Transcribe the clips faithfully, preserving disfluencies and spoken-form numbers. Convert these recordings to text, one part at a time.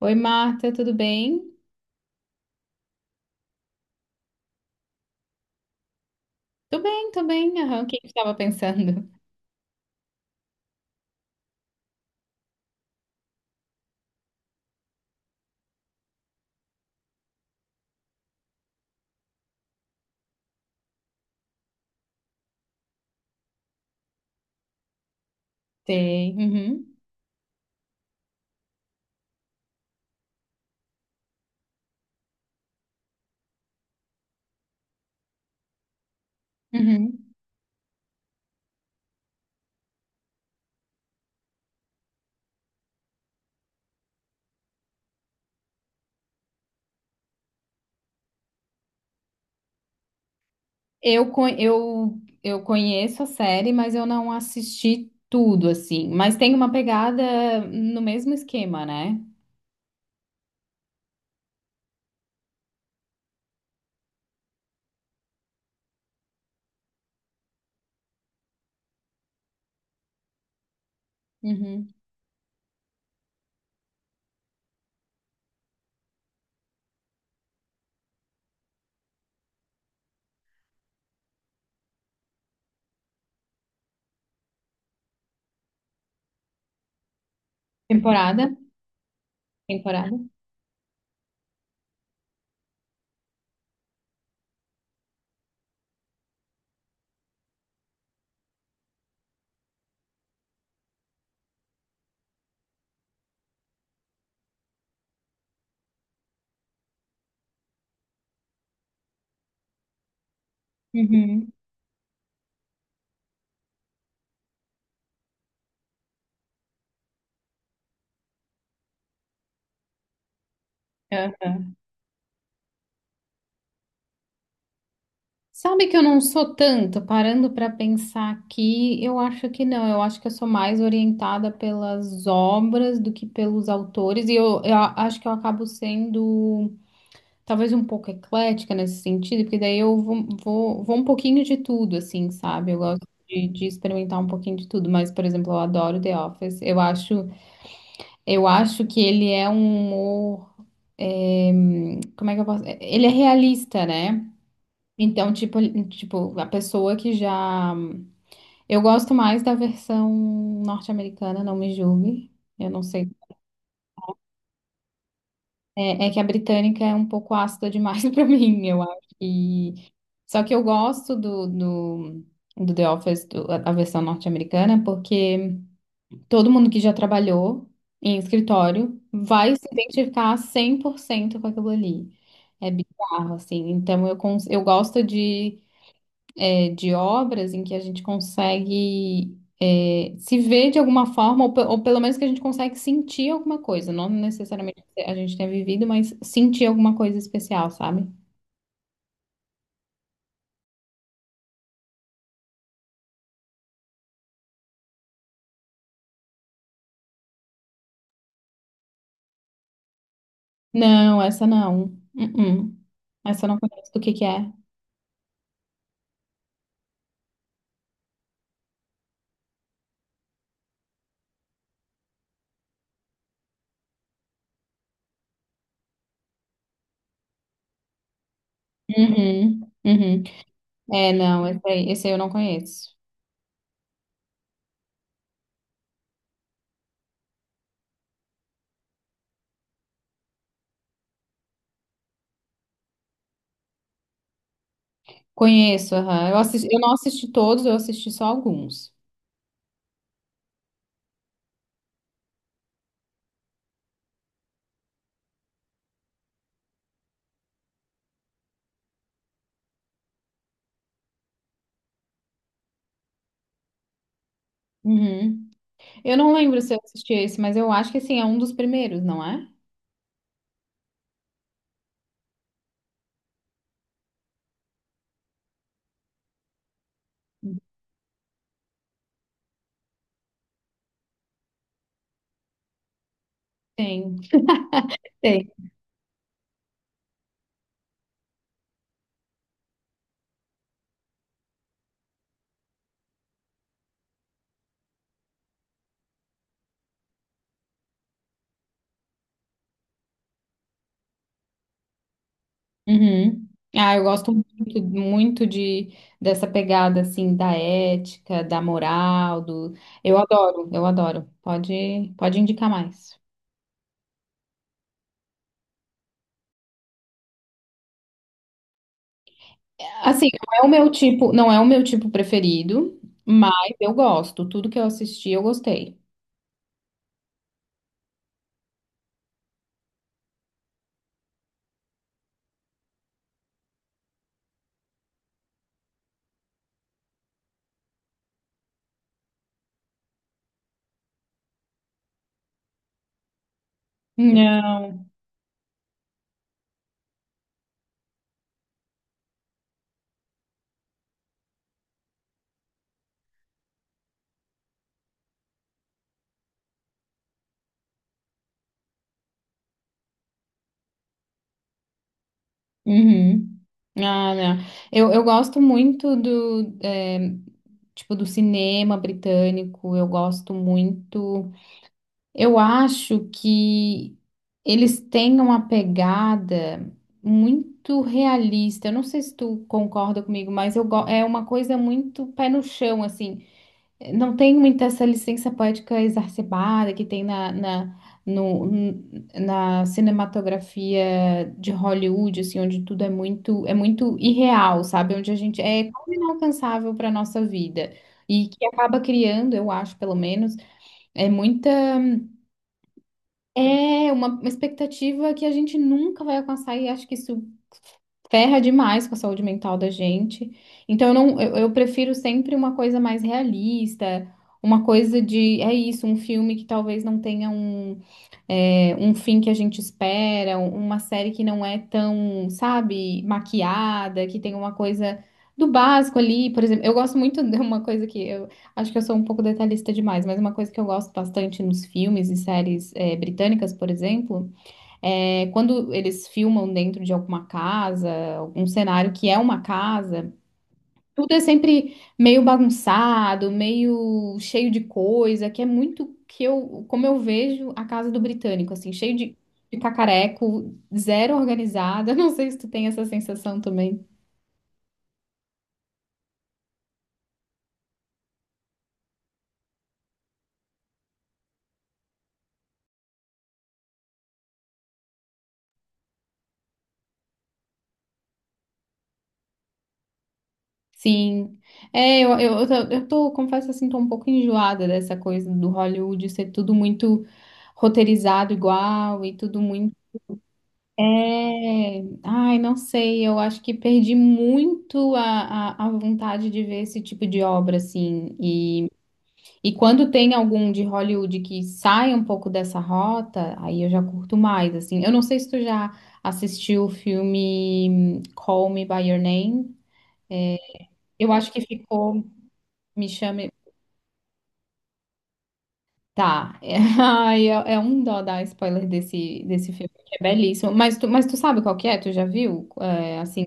Oi, Marta, tudo bem? Tô bem, tô bem. Aham, o que que eu estava pensando? Sei. Uhum, uhum. Eu, co- eu, eu conheço a série, mas eu não assisti tudo, assim. Mas tem uma pegada no mesmo esquema, né? Uhum. Temporada? Temporada. Uhum. Aham. Sabe que eu não sou tanto, parando pra pensar aqui, eu acho que não, eu acho que eu sou mais orientada pelas obras do que pelos autores, e eu, eu a- acho que eu acabo sendo talvez um pouco eclética nesse sentido, porque daí eu vou, vou, vou um pouquinho de tudo, assim, sabe? Eu gosto de, de experimentar um pouquinho de tudo, mas, por exemplo, eu adoro The Office. Eu acho, eu acho que ele é um humor, eh, como é que eu posso? Ele é realista, né? Então, tipo, tipo, a pessoa que já. Eu gosto mais da versão norte-americana, não me julgue. Eu não sei. É, é que a britânica é um pouco ácida demais para mim, eu acho. E. Só que eu gosto do, do, do The Office, do- a a versão norte-americana, porque todo mundo que já trabalhou em escritório vai se identificar cem por cento com aquilo ali. É bizarro, assim. Então eu, cons- eu gosto de de obras em que a gente consegue é, se ver de alguma forma, ou, pe- ou pelo menos que a gente consegue sentir alguma coisa, não necessariamente a gente tenha vivido, mas sentir alguma coisa especial, sabe? Não, essa não. Uh-uh. Essa eu não conheço do que que é. Uhum, uhum. É, não, esse aí, esse aí eu não conheço. Conheço, aham. Eu assisti, eu não assisti todos, eu assisti só alguns. Uhum. Eu não lembro se eu assisti esse, mas eu acho que assim, é um dos primeiros, não é? Tem. Tem. Uhum. Ah, eu gosto muito, muito de dessa pegada assim da ética, da moral, do eu adoro, eu adoro. Pode, pode indicar mais. Assim, não é o meu tipo, não é o meu tipo preferido, mas eu gosto. Tudo que eu assisti, eu gostei. Não. Uhum. Ah, não. Eu, eu gosto muito do, eh, tipo, do cinema britânico. Eu gosto muito. Eu acho que eles têm uma pegada muito realista. Eu não sei se tu concorda comigo, mas eu go- é uma coisa muito pé no chão, assim. Não tem muita essa licença poética exacerbada que tem na, na, no- n- na cinematografia de Hollywood, assim, onde tudo é muito, é muito irreal, sabe? Onde a gente é quase inalcançável para nossa vida. E que acaba criando, eu acho, pelo menos. É muita. É uma, uma expectativa que a gente nunca vai alcançar e acho que isso ferra demais com a saúde mental da gente. Então, eu, não, eu, eu prefiro sempre uma coisa mais realista, uma coisa de, é isso, um filme que talvez não tenha um, é, um fim que a gente espera, uma série que não é tão, sabe, maquiada, que tem uma coisa do básico ali. Por exemplo, eu gosto muito de uma coisa que eu acho que eu sou um pouco detalhista demais, mas uma coisa que eu gosto bastante nos filmes e séries, é, britânicas, por exemplo. É, quando eles filmam dentro de alguma casa, algum cenário que é uma casa, tudo é sempre meio bagunçado, meio cheio de coisa, que é muito que eu, como eu vejo a casa do britânico, assim, cheio de, de cacareco, zero organizada. Não sei se tu tem essa sensação também. Sim. É, eu, eu, eu tô, eu tô- confesso assim, tô um pouco enjoada dessa coisa do Hollywood ser tudo muito roteirizado igual e tudo. É, ai, não sei, eu acho que perdi muito a, a, a vontade de ver esse tipo de obra, assim, e, e quando tem algum de Hollywood que sai um pouco dessa rota, aí eu já curto mais, assim, eu não sei se tu já assistiu o filme hum, Call Me By Your Name. Eu acho que ficou, me chame, tá. É, ai, é, é um dó dar spoiler desse, desse filme, que é belíssimo, mas tu, mas tu sabe qual que é, tu já viu. É, assim.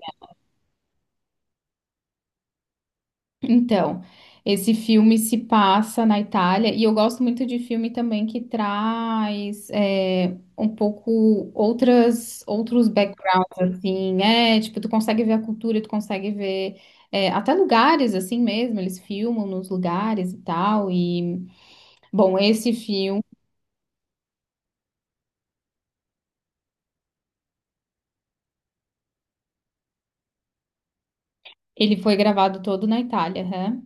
Então, esse filme se passa na Itália e eu gosto muito de filme também que traz é, um pouco outras outros backgrounds assim, é tipo tu consegue ver a cultura, tu consegue ver é, até lugares assim mesmo, eles filmam nos lugares e tal e bom, esse filme ele foi gravado todo na Itália, né?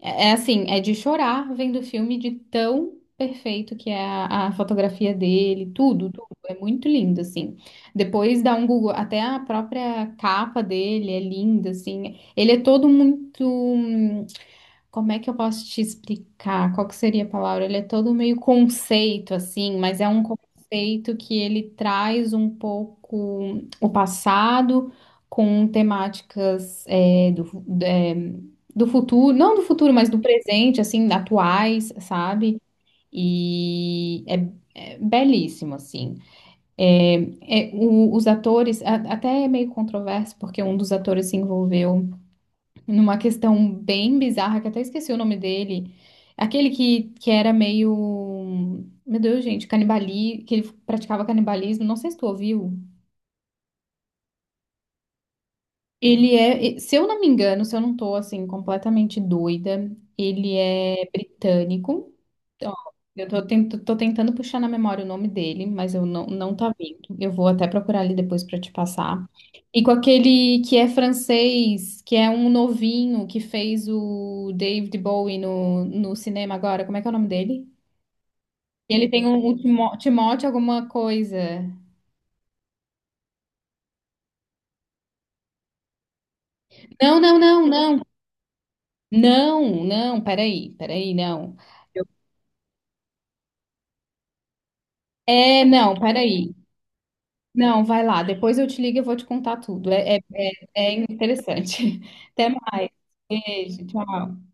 É é assim, é de chorar vendo o filme de tão perfeito que é a, a fotografia dele, tudo, tudo. É muito lindo, assim. Depois dá um Google, até a própria capa dele é linda, assim. Ele é todo muito. Como é que eu posso te explicar? Qual que seria a palavra? Ele é todo meio conceito, assim, mas é um conceito que ele traz um pouco o passado com temáticas é, do, fu- é, do futuro, não do futuro, mas do presente, assim, atuais, sabe? E é, é belíssimo, assim. É, é, o- os atores, a- até é meio controverso, porque um dos atores se envolveu numa questão bem bizarra, que até esqueci o nome dele. Aquele que, que era meio. Meu Deus, gente, canibali, que ele praticava canibalismo. Não sei se tu ouviu. Ele é, se eu não me engano, se eu não tô assim completamente doida, ele é britânico. Eu tô, ten- tô tentando puxar na memória o nome dele, mas eu não, não tá vindo. Eu vou até procurar ali depois pra te passar. E com aquele que é francês, que é um novinho, que fez o David Bowie no, no cinema agora. Como é que é o nome dele? Ele tem um, um Timó- Timóteo alguma coisa. Não, não, não, não. Não, não, peraí, peraí, não. Eu- É, não, peraí. Não, vai lá. Depois eu te ligo e eu vou te contar tudo. É, é, é interessante. Até mais. Beijo, tchau.